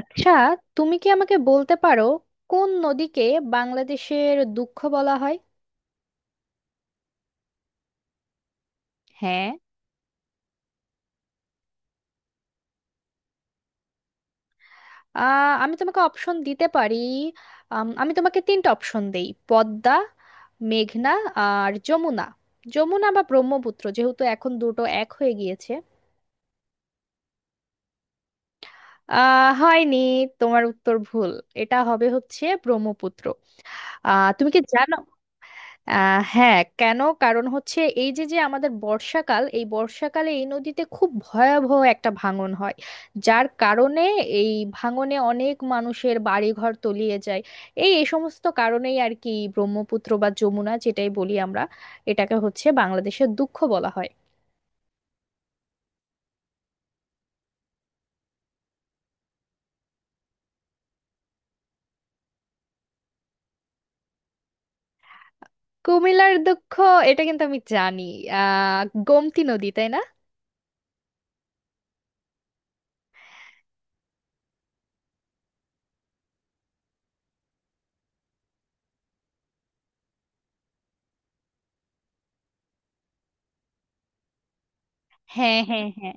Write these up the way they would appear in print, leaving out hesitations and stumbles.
আচ্ছা, তুমি কি আমাকে বলতে পারো কোন নদীকে বাংলাদেশের দুঃখ বলা হয়? হ্যাঁ। আমি তোমাকে অপশন দিতে পারি। আমি তোমাকে তিনটা অপশন দেই পদ্মা, মেঘনা আর যমুনা। যমুনা বা ব্রহ্মপুত্র, যেহেতু এখন দুটো এক হয়ে গিয়েছে। হয়নি, তোমার উত্তর ভুল। এটা হবে হচ্ছে ব্রহ্মপুত্র। তুমি কি জানো? হ্যাঁ, কেন? কারণ হচ্ছে এই যে যে আমাদের বর্ষাকাল, এই বর্ষাকালে এই নদীতে খুব ভয়াবহ একটা ভাঙন হয়, যার কারণে এই ভাঙনে অনেক মানুষের বাড়িঘর তলিয়ে যায়। এই এই সমস্ত কারণেই আর কি ব্রহ্মপুত্র বা যমুনা যেটাই বলি আমরা, এটাকে হচ্ছে বাংলাদেশের দুঃখ বলা হয়। কুমিল্লার দুঃখ? এটা কিন্তু আমি জানি। আহ গোমতী নদী, তাই না? হ্যাঁ, হ্যাঁ, হ্যাঁ।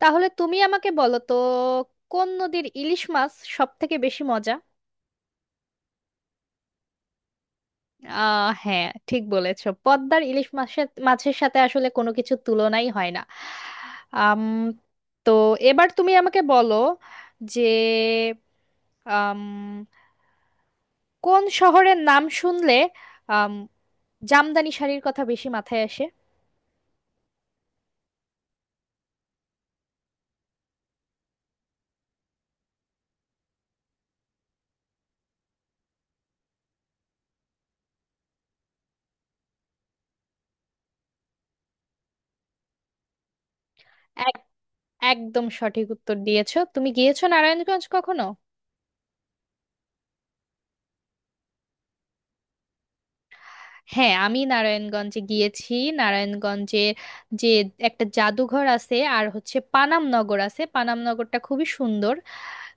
তাহলে তুমি আমাকে বলো তো কোন নদীর ইলিশ মাছ সব থেকে বেশি মজা? হ্যাঁ, ঠিক বলেছো, পদ্মার ইলিশ মাছের মাছের সাথে আসলে কোনো কিছু তুলনাই হয় না। আম, তো এবার তুমি আমাকে বলো যে আম, কোন শহরের নাম শুনলে আম, জামদানি শাড়ির কথা বেশি মাথায় আসে? এক- একদম সঠিক উত্তর দিয়েছো। তুমি গিয়েছো নারায়ণগঞ্জ কখনো? হ্যাঁ, আমি নারায়ণগঞ্জে গিয়েছি। নারায়ণগঞ্জে যে একটা জাদুঘর আছে আর হচ্ছে পানাম নগর আছে, পানাম নগরটা খুবই সুন্দর।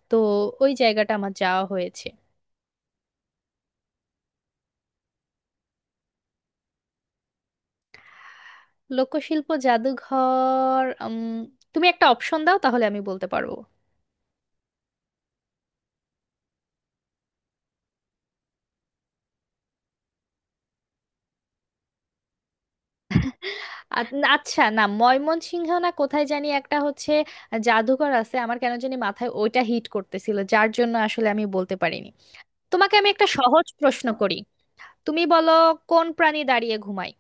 তো ওই জায়গাটা আমার যাওয়া হয়েছে। লোকশিল্প জাদুঘর? তুমি একটা অপশন দাও তাহলে আমি বলতে পারবো। আ- আচ্ছা, না ময়মনসিংহ না কোথায় জানি একটা হচ্ছে জাদুঘর আছে, আমার কেন জানি মাথায় ওইটা হিট করতেছিল, যার জন্য আসলে আমি বলতে পারিনি। তোমাকে আমি একটা সহজ প্রশ্ন করি। তুমি বলো কোন প্রাণী দাঁড়িয়ে ঘুমায়?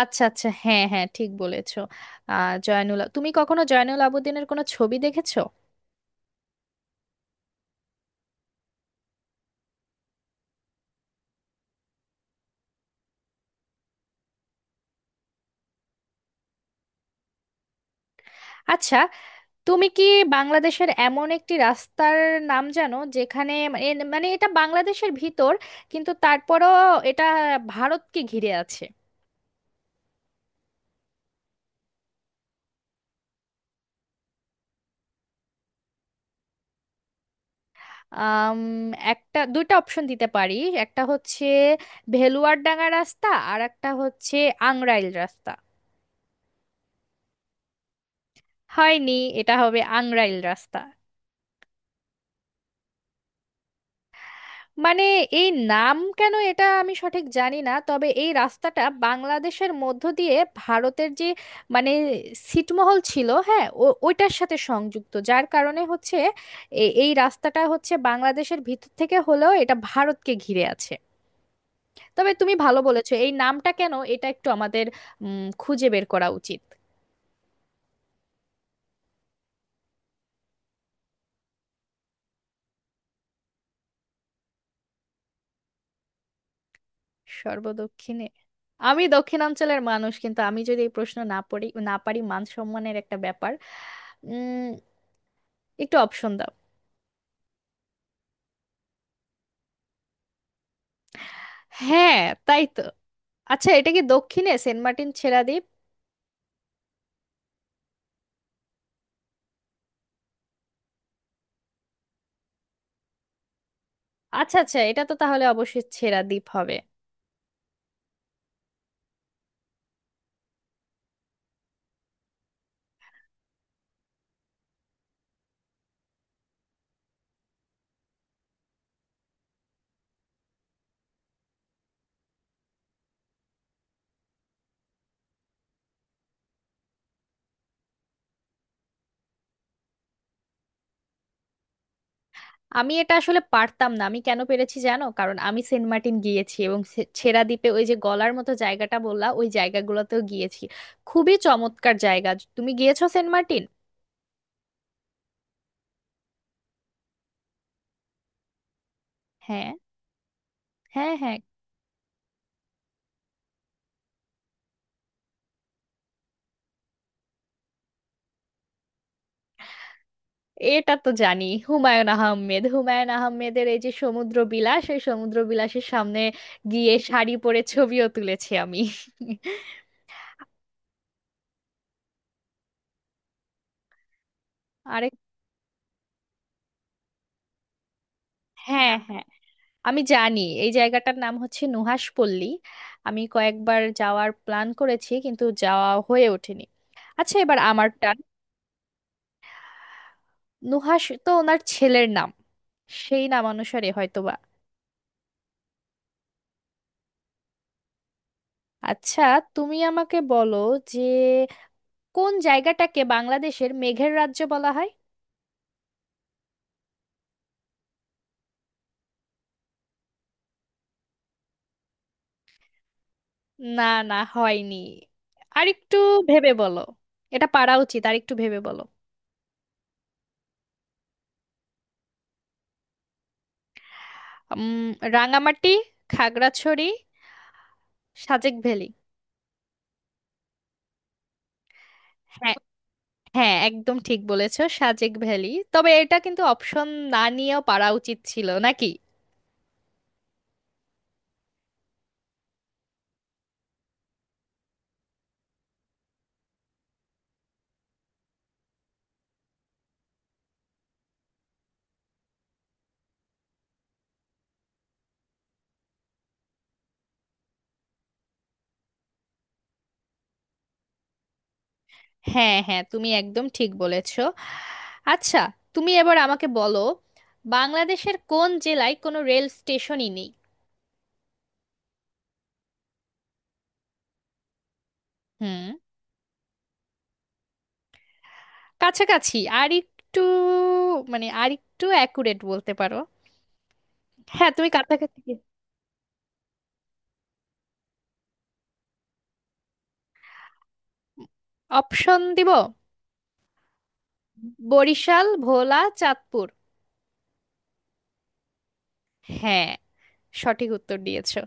আচ্ছা, আচ্ছা, হ্যাঁ, হ্যাঁ, ঠিক বলেছো। জয়নুল, তুমি কখনো জয়নুল আবেদিনের কোনো ছবি দেখেছো? আচ্ছা, তুমি কি বাংলাদেশের এমন একটি রাস্তার নাম জানো যেখানে মানে মানে এটা বাংলাদেশের ভিতর কিন্তু তারপরও এটা ভারতকে ঘিরে আছে? আম, একটা দুইটা অপশন দিতে পারি। একটা হচ্ছে ভেলুয়ারডাঙ্গা রাস্তা আর একটা হচ্ছে আংরাইল রাস্তা। হয়নি, এটা হবে আংরাইল রাস্তা। মানে এই নাম কেন এটা আমি সঠিক জানি না, তবে এই রাস্তাটা বাংলাদেশের মধ্য দিয়ে ভারতের যে মানে ছিটমহল ছিল, হ্যাঁ, ওইটার সাথে সংযুক্ত, যার কারণে হচ্ছে এই রাস্তাটা হচ্ছে বাংলাদেশের ভিতর থেকে হলেও এটা ভারতকে ঘিরে আছে। তবে তুমি ভালো বলেছো, এই নামটা কেন এটা একটু আমাদের খুঁজে বের করা উচিত। সর্বদক্ষিণে? আমি দক্ষিণাঞ্চলের মানুষ, কিন্তু আমি যদি এই প্রশ্ন না পড়ি না পারি মান সম্মানের একটা ব্যাপার। উম একটু অপশন দাও। হ্যাঁ, তাই তো। আচ্ছা, এটা কি দক্ষিণে সেন্ট মার্টিন ছেড়া দ্বীপ? আচ্ছা, আচ্ছা, এটা তো তাহলে অবশ্যই ছেড়া দ্বীপ হবে। আমি এটা আসলে পারতাম না, আমি কেন পেরেছি জানো? কারণ আমি সেন্ট মার্টিন গিয়েছি এবং ছেড়া দ্বীপে ওই যে গলার মতো জায়গাটা বললা ওই জায়গাগুলোতেও গিয়েছি। খুবই চমৎকার জায়গা। তুমি গিয়েছো সেন্ট মার্টিন? হ্যাঁ, হ্যাঁ, হ্যাঁ। এটা তো জানি হুমায়ুন আহমেদ। হুমায়ুন আহমেদের এই যে সমুদ্র বিলাস, ওই সমুদ্র বিলাসের সামনে গিয়ে শাড়ি পরে ছবিও তুলেছি আমি। আরেক? হ্যাঁ, হ্যাঁ, আমি জানি এই জায়গাটার নাম হচ্ছে নুহাশপল্লী। আমি কয়েকবার যাওয়ার প্ল্যান করেছি কিন্তু যাওয়া হয়ে ওঠেনি। আচ্ছা, এবার আমার টান। নুহাশ তো ওনার ছেলের নাম, সেই নাম অনুসারে হয়তোবা। আচ্ছা, তুমি আমাকে বলো যে কোন জায়গাটাকে বাংলাদেশের মেঘের রাজ্য বলা হয়? না, না, হয়নি, আরেকটু ভেবে বলো। এটা পারা উচিত, আরেকটু ভেবে বলো। উম রাঙামাটি, খাগড়াছড়ি, সাজেক ভ্যালি। হ্যাঁ, হ্যাঁ, একদম ঠিক বলেছো, সাজেক ভ্যালি। তবে এটা কিন্তু অপশন না নিয়েও পারা উচিত ছিল নাকি। হ্যাঁ, হ্যাঁ, তুমি একদম ঠিক বলেছো। আচ্ছা, তুমি এবার আমাকে বলো বাংলাদেশের কোন জেলায় কোনো রেল স্টেশনই নেই? হুম। কাছাকাছি, আর একটু, মানে আর একটু অ্যাকুরেট বলতে পারো। হ্যাঁ, তুমি কাছাকাছি। অপশন দিব। বরিশাল, ভোলা, চাঁদপুর। হ্যাঁ, সঠিক উত্তর দিয়েছো।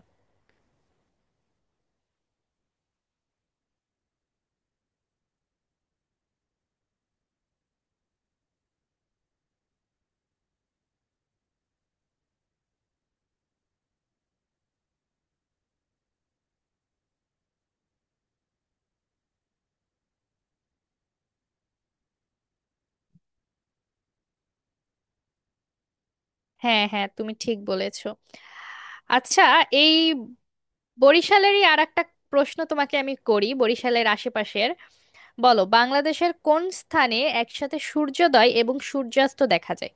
হ্যাঁ, হ্যাঁ, তুমি ঠিক বলেছো। আচ্ছা, এই বরিশালেরই আর একটা প্রশ্ন তোমাকে আমি করি, বরিশালের আশেপাশের। বলো বাংলাদেশের কোন স্থানে একসাথে সূর্যোদয় এবং সূর্যাস্ত দেখা যায়?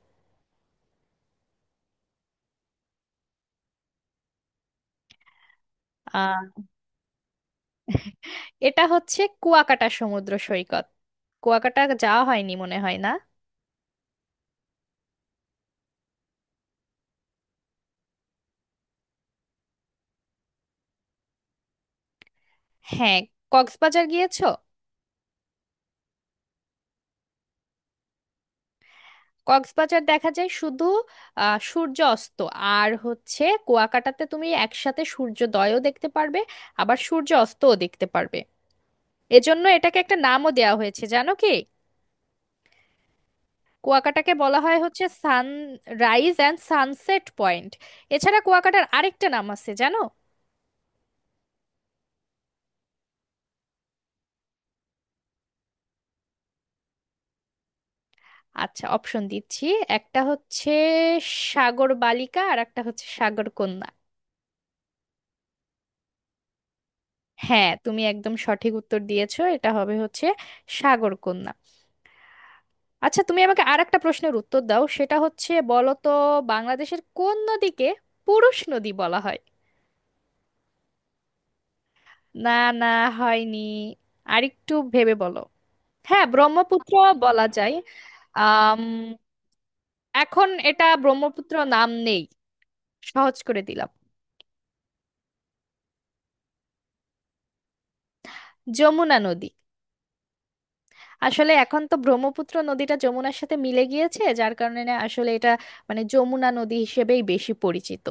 আহ এটা হচ্ছে কুয়াকাটা সমুদ্র সৈকত। কুয়াকাটা যাওয়া হয়নি মনে হয় না? হ্যাঁ, কক্সবাজার গিয়েছো? কক্সবাজার দেখা যায় শুধু সূর্য অস্ত, আর হচ্ছে কুয়াকাটাতে তুমি একসাথে সূর্যোদয়ও দেখতে পারবে আবার সূর্য অস্তও দেখতে পারবে। এজন্য এটাকে একটা নামও দেওয়া হয়েছে, জানো কি? কুয়াকাটাকে বলা হয় হচ্ছে সানরাইজ অ্যান্ড সানসেট পয়েন্ট। এছাড়া কুয়াকাটার আরেকটা নাম আছে জানো? আচ্ছা, অপশন দিচ্ছি। একটা হচ্ছে সাগর বালিকা আর একটা হচ্ছে সাগর কন্যা। হ্যাঁ, তুমি একদম সঠিক উত্তর দিয়েছো, এটা হবে হচ্ছে সাগর কন্যা। আচ্ছা, তুমি আমাকে আর একটা প্রশ্নের উত্তর দাও, সেটা হচ্ছে বলো তো বাংলাদেশের কোন নদীকে পুরুষ নদী বলা হয়? না, না, হয়নি, আরেকটু ভেবে বলো। হ্যাঁ, ব্রহ্মপুত্র বলা যায়। আম এখন এটা ব্রহ্মপুত্র নাম নেই, সহজ করে দিলাম। যমুনা নদী। আসলে এখন তো ব্রহ্মপুত্র নদীটা যমুনার সাথে মিলে গিয়েছে, যার কারণে না আসলে এটা মানে যমুনা নদী হিসেবেই বেশি পরিচিত।